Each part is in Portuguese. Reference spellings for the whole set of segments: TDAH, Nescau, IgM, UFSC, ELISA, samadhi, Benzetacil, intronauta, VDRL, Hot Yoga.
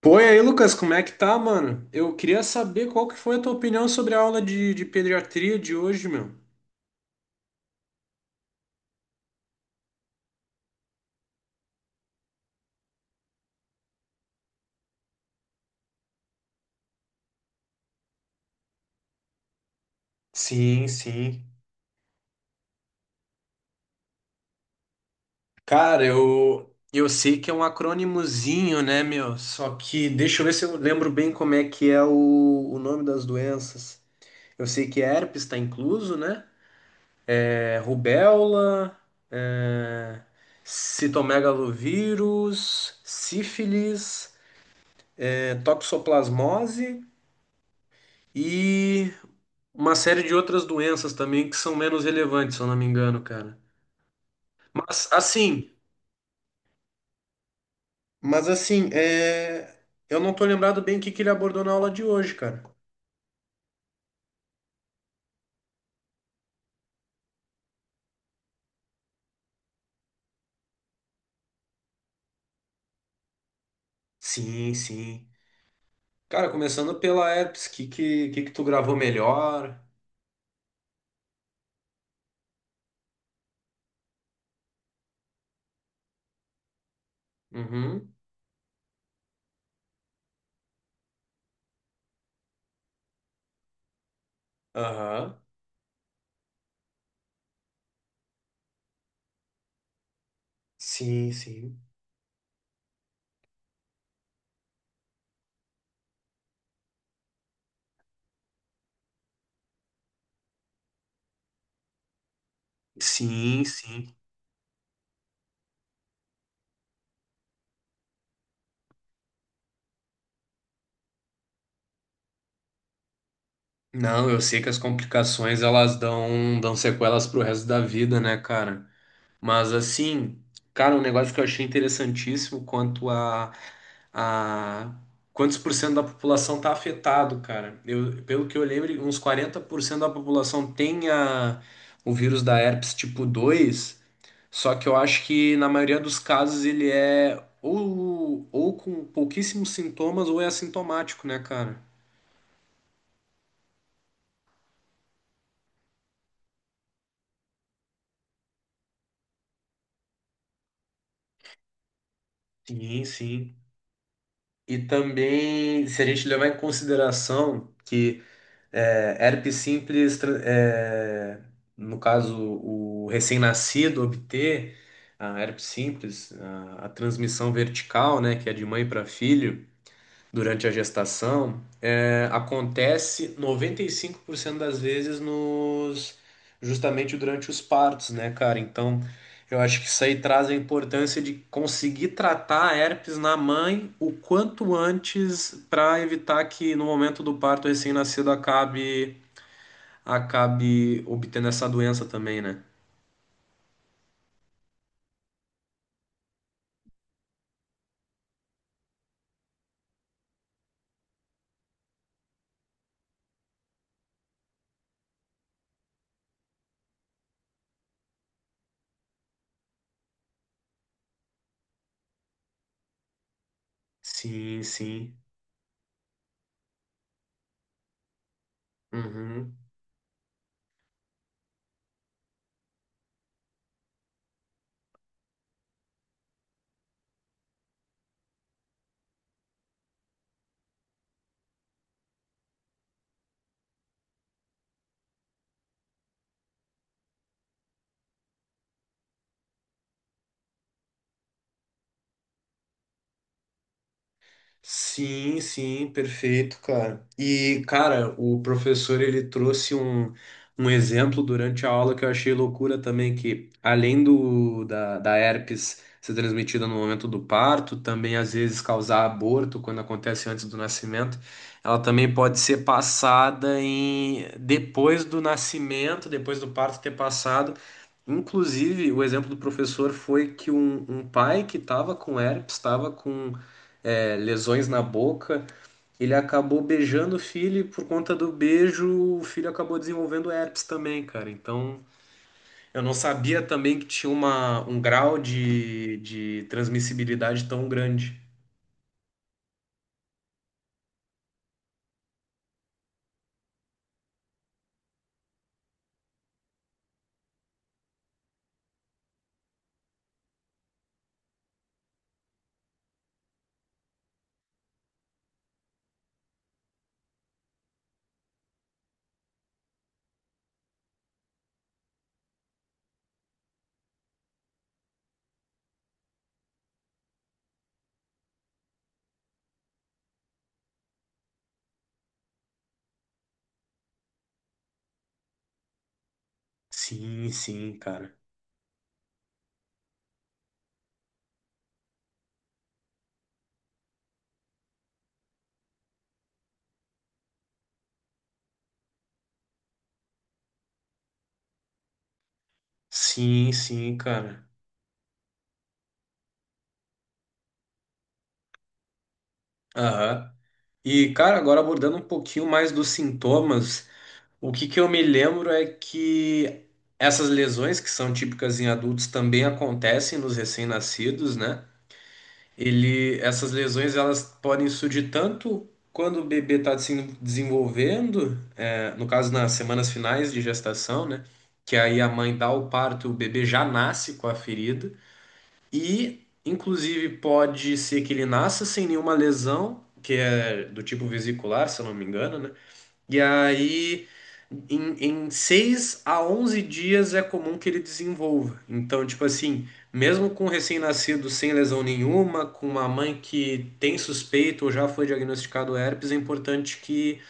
Pô, e aí, Lucas, como é que tá, mano? Eu queria saber qual que foi a tua opinião sobre a aula de pediatria de hoje, meu. Sim, sim. Cara, eu sei que é um acrônimozinho, né, meu? Só que deixa eu ver se eu lembro bem como é que é o nome das doenças. Eu sei que herpes tá incluso, né? É rubéola, é, citomegalovírus, sífilis, toxoplasmose. E uma série de outras doenças também que são menos relevantes, se eu não me engano, cara. Mas assim, mas assim, é... eu não tô lembrado bem o que que ele abordou na aula de hoje, cara. Sim, sim. Cara, começando pela herpes, que que tu gravou melhor? Uhum. Aham. Sim, sim. Sim, sim. Não, eu sei que as complicações elas dão sequelas pro resto da vida, né, cara? Mas assim, cara, um negócio que eu achei interessantíssimo quanto a a quantos por cento da população está afetado, cara. Eu, pelo que eu lembro, uns 40% da população tem o vírus da herpes tipo 2. Só que eu acho que na maioria dos casos ele é ou com pouquíssimos sintomas ou é assintomático, né, cara? Sim, sim. E também, se a gente levar em consideração que é, herpes simples, tra- é, no caso, o recém-nascido obter a herpes simples, a transmissão vertical, né, que é de mãe para filho durante a gestação, acontece 95% das vezes nos justamente durante os partos, né, cara? Então, eu acho que isso aí traz a importância de conseguir tratar a herpes na mãe o quanto antes para evitar que no momento do parto o recém-nascido acabe obtendo essa doença também, né? Sim, sim. Uhum. Sim, sim, perfeito, cara. E, cara, o professor ele trouxe um exemplo durante a aula que eu achei loucura também, que além da herpes ser transmitida no momento do parto, também às vezes causar aborto quando acontece antes do nascimento, ela também pode ser passada em depois do nascimento, depois do parto ter passado. Inclusive, o exemplo do professor foi que um pai que estava com herpes, estava com lesões na boca. Ele acabou beijando o filho e por conta do beijo o filho acabou desenvolvendo herpes também, cara. Então eu não sabia também que tinha um grau de transmissibilidade tão grande. Sim, sim, cara. Sim, sim, cara. Aham. E, cara, agora abordando um pouquinho mais dos sintomas, o que que eu me lembro é que essas lesões, que são típicas em adultos, também acontecem nos recém-nascidos, né? Essas lesões elas podem surgir tanto quando o bebê está se desenvolvendo, no caso nas semanas finais de gestação, né? Que aí a mãe dá o parto, o bebê já nasce com a ferida, e inclusive pode ser que ele nasça sem nenhuma lesão, que é do tipo vesicular, se eu não me engano, né? E aí, em 6 a 11 dias é comum que ele desenvolva. Então, tipo assim, mesmo com um recém-nascido sem lesão nenhuma, com uma mãe que tem suspeito ou já foi diagnosticado herpes, é importante que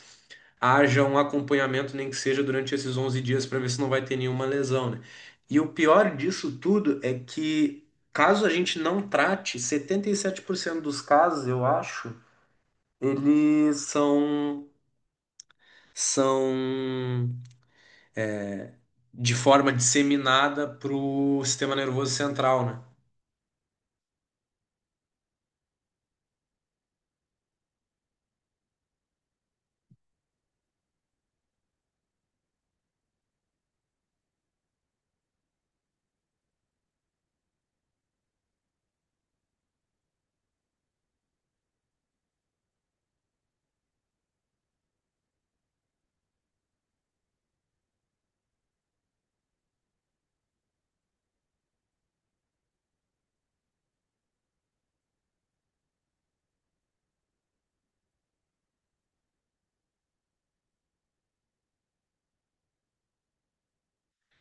haja um acompanhamento, nem que seja durante esses 11 dias, para ver se não vai ter nenhuma lesão, né? E o pior disso tudo é que, caso a gente não trate, 77% dos casos, eu acho, eles são de forma disseminada pro sistema nervoso central, né?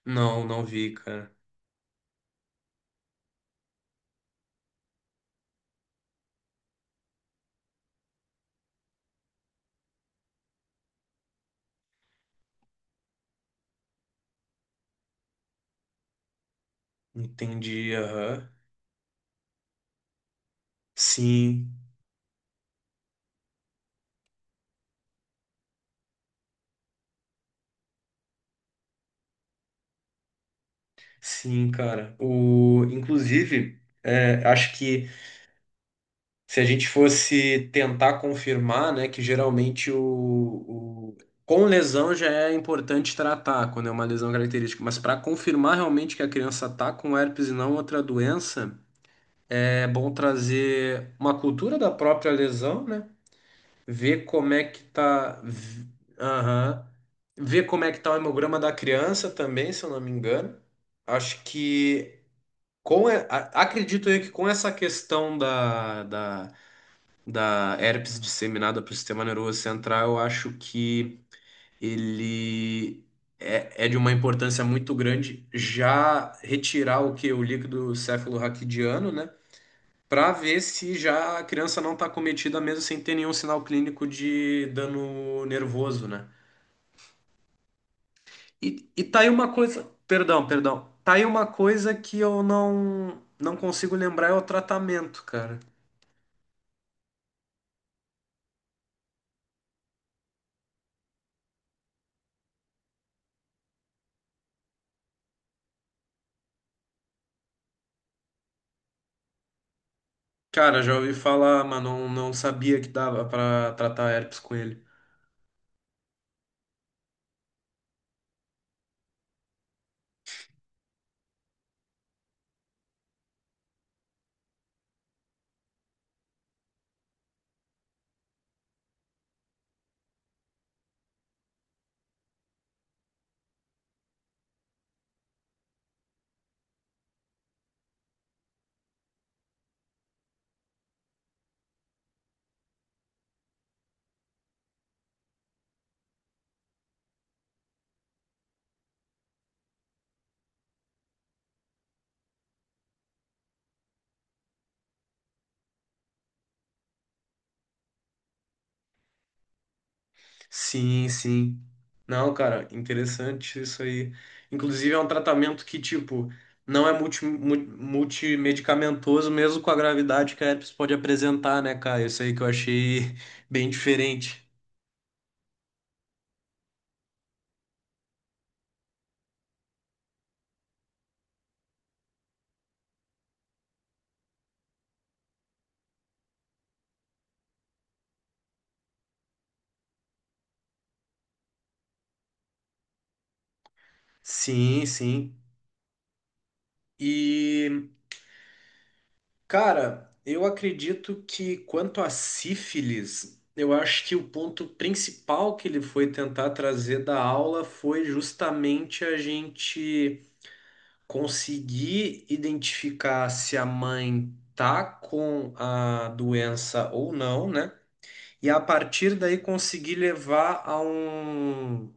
Não, não vi, cara. Entendi, aham. Sim, sim, cara. O, inclusive, é, acho que se a gente fosse tentar confirmar, né, que geralmente com lesão já é importante tratar quando é uma lesão característica, mas para confirmar realmente que a criança tá com herpes e não outra doença, é bom trazer uma cultura da própria lesão, né? Ver como é que tá, aham, ver como é que tá o hemograma da criança também, se eu não me engano. Acho que acredito eu que com essa questão da herpes disseminada para o sistema nervoso central, eu acho que ele é de uma importância muito grande já retirar o que o líquido cefalorraquidiano, né? Para ver se já a criança não está acometida mesmo sem ter nenhum sinal clínico de dano nervoso, né? E tá aí uma coisa, perdão, perdão, tá aí uma coisa que eu não consigo lembrar é o tratamento, cara. Cara, já ouvi falar, mas não sabia que dava para tratar herpes com ele. Sim, sim. Não, cara, interessante isso aí. Inclusive, é um tratamento que, tipo, não é multimedicamentoso, mesmo com a gravidade que a herpes pode apresentar, né, cara? Isso aí que eu achei bem diferente. Sim, sim. E, cara, eu acredito que quanto à sífilis, eu acho que o ponto principal que ele foi tentar trazer da aula foi justamente a gente conseguir identificar se a mãe tá com a doença ou não, né? E a partir daí conseguir levar a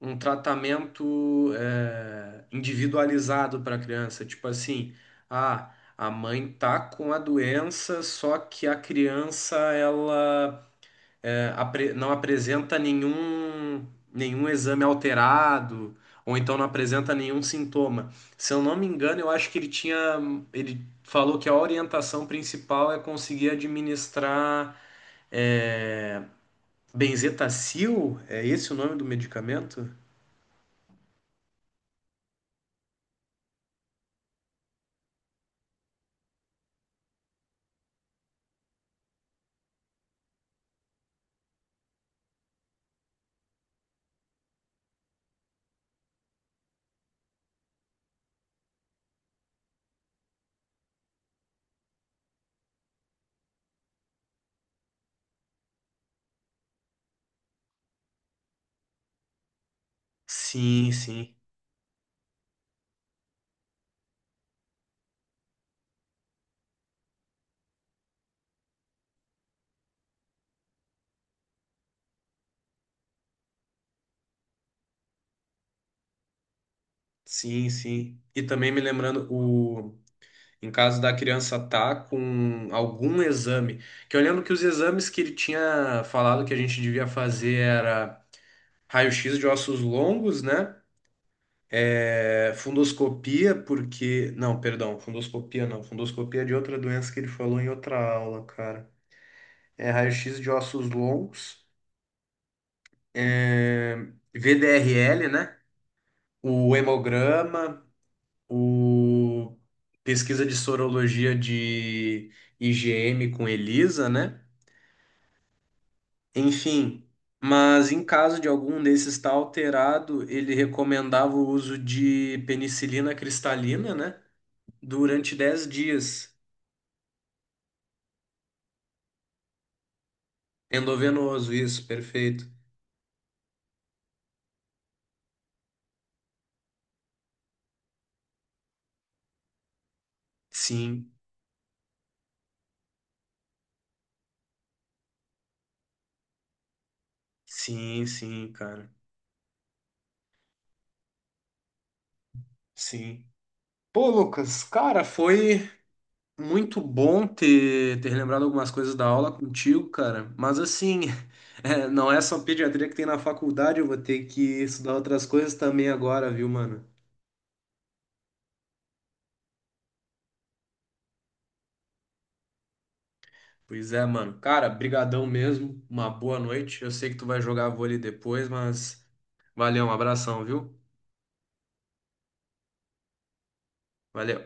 um tratamento individualizado para a criança. Tipo assim, ah, a mãe tá com a doença, só que a criança ela não apresenta nenhum exame alterado, ou então não apresenta nenhum sintoma. Se eu não me engano, eu acho que ele tinha, ele falou que a orientação principal é conseguir administrar é, Benzetacil, é esse o nome do medicamento? Sim, sim, sim, sim. E também me lembrando o. Em caso da criança tá com algum exame, que eu lembro que os exames que ele tinha falado que a gente devia fazer era raio-x de ossos longos, né? É, fundoscopia, porque. Não, perdão, fundoscopia não. Fundoscopia é de outra doença que ele falou em outra aula, cara. É raio-x de ossos longos, é, VDRL, né? O hemograma, o pesquisa de sorologia de IgM com ELISA, né? Enfim, mas em caso de algum desses estar alterado, ele recomendava o uso de penicilina cristalina, né? Durante 10 dias. Endovenoso, isso, perfeito. Sim, sim, sim, cara. Sim. Pô, Lucas, cara, foi muito bom ter lembrado algumas coisas da aula contigo, cara. Mas assim, é, não é só pediatria que tem na faculdade, eu vou ter que estudar outras coisas também agora, viu, mano? Pois é, mano. Cara, brigadão mesmo. Uma boa noite. Eu sei que tu vai jogar vôlei depois, mas valeu, um abração, viu? Valeu.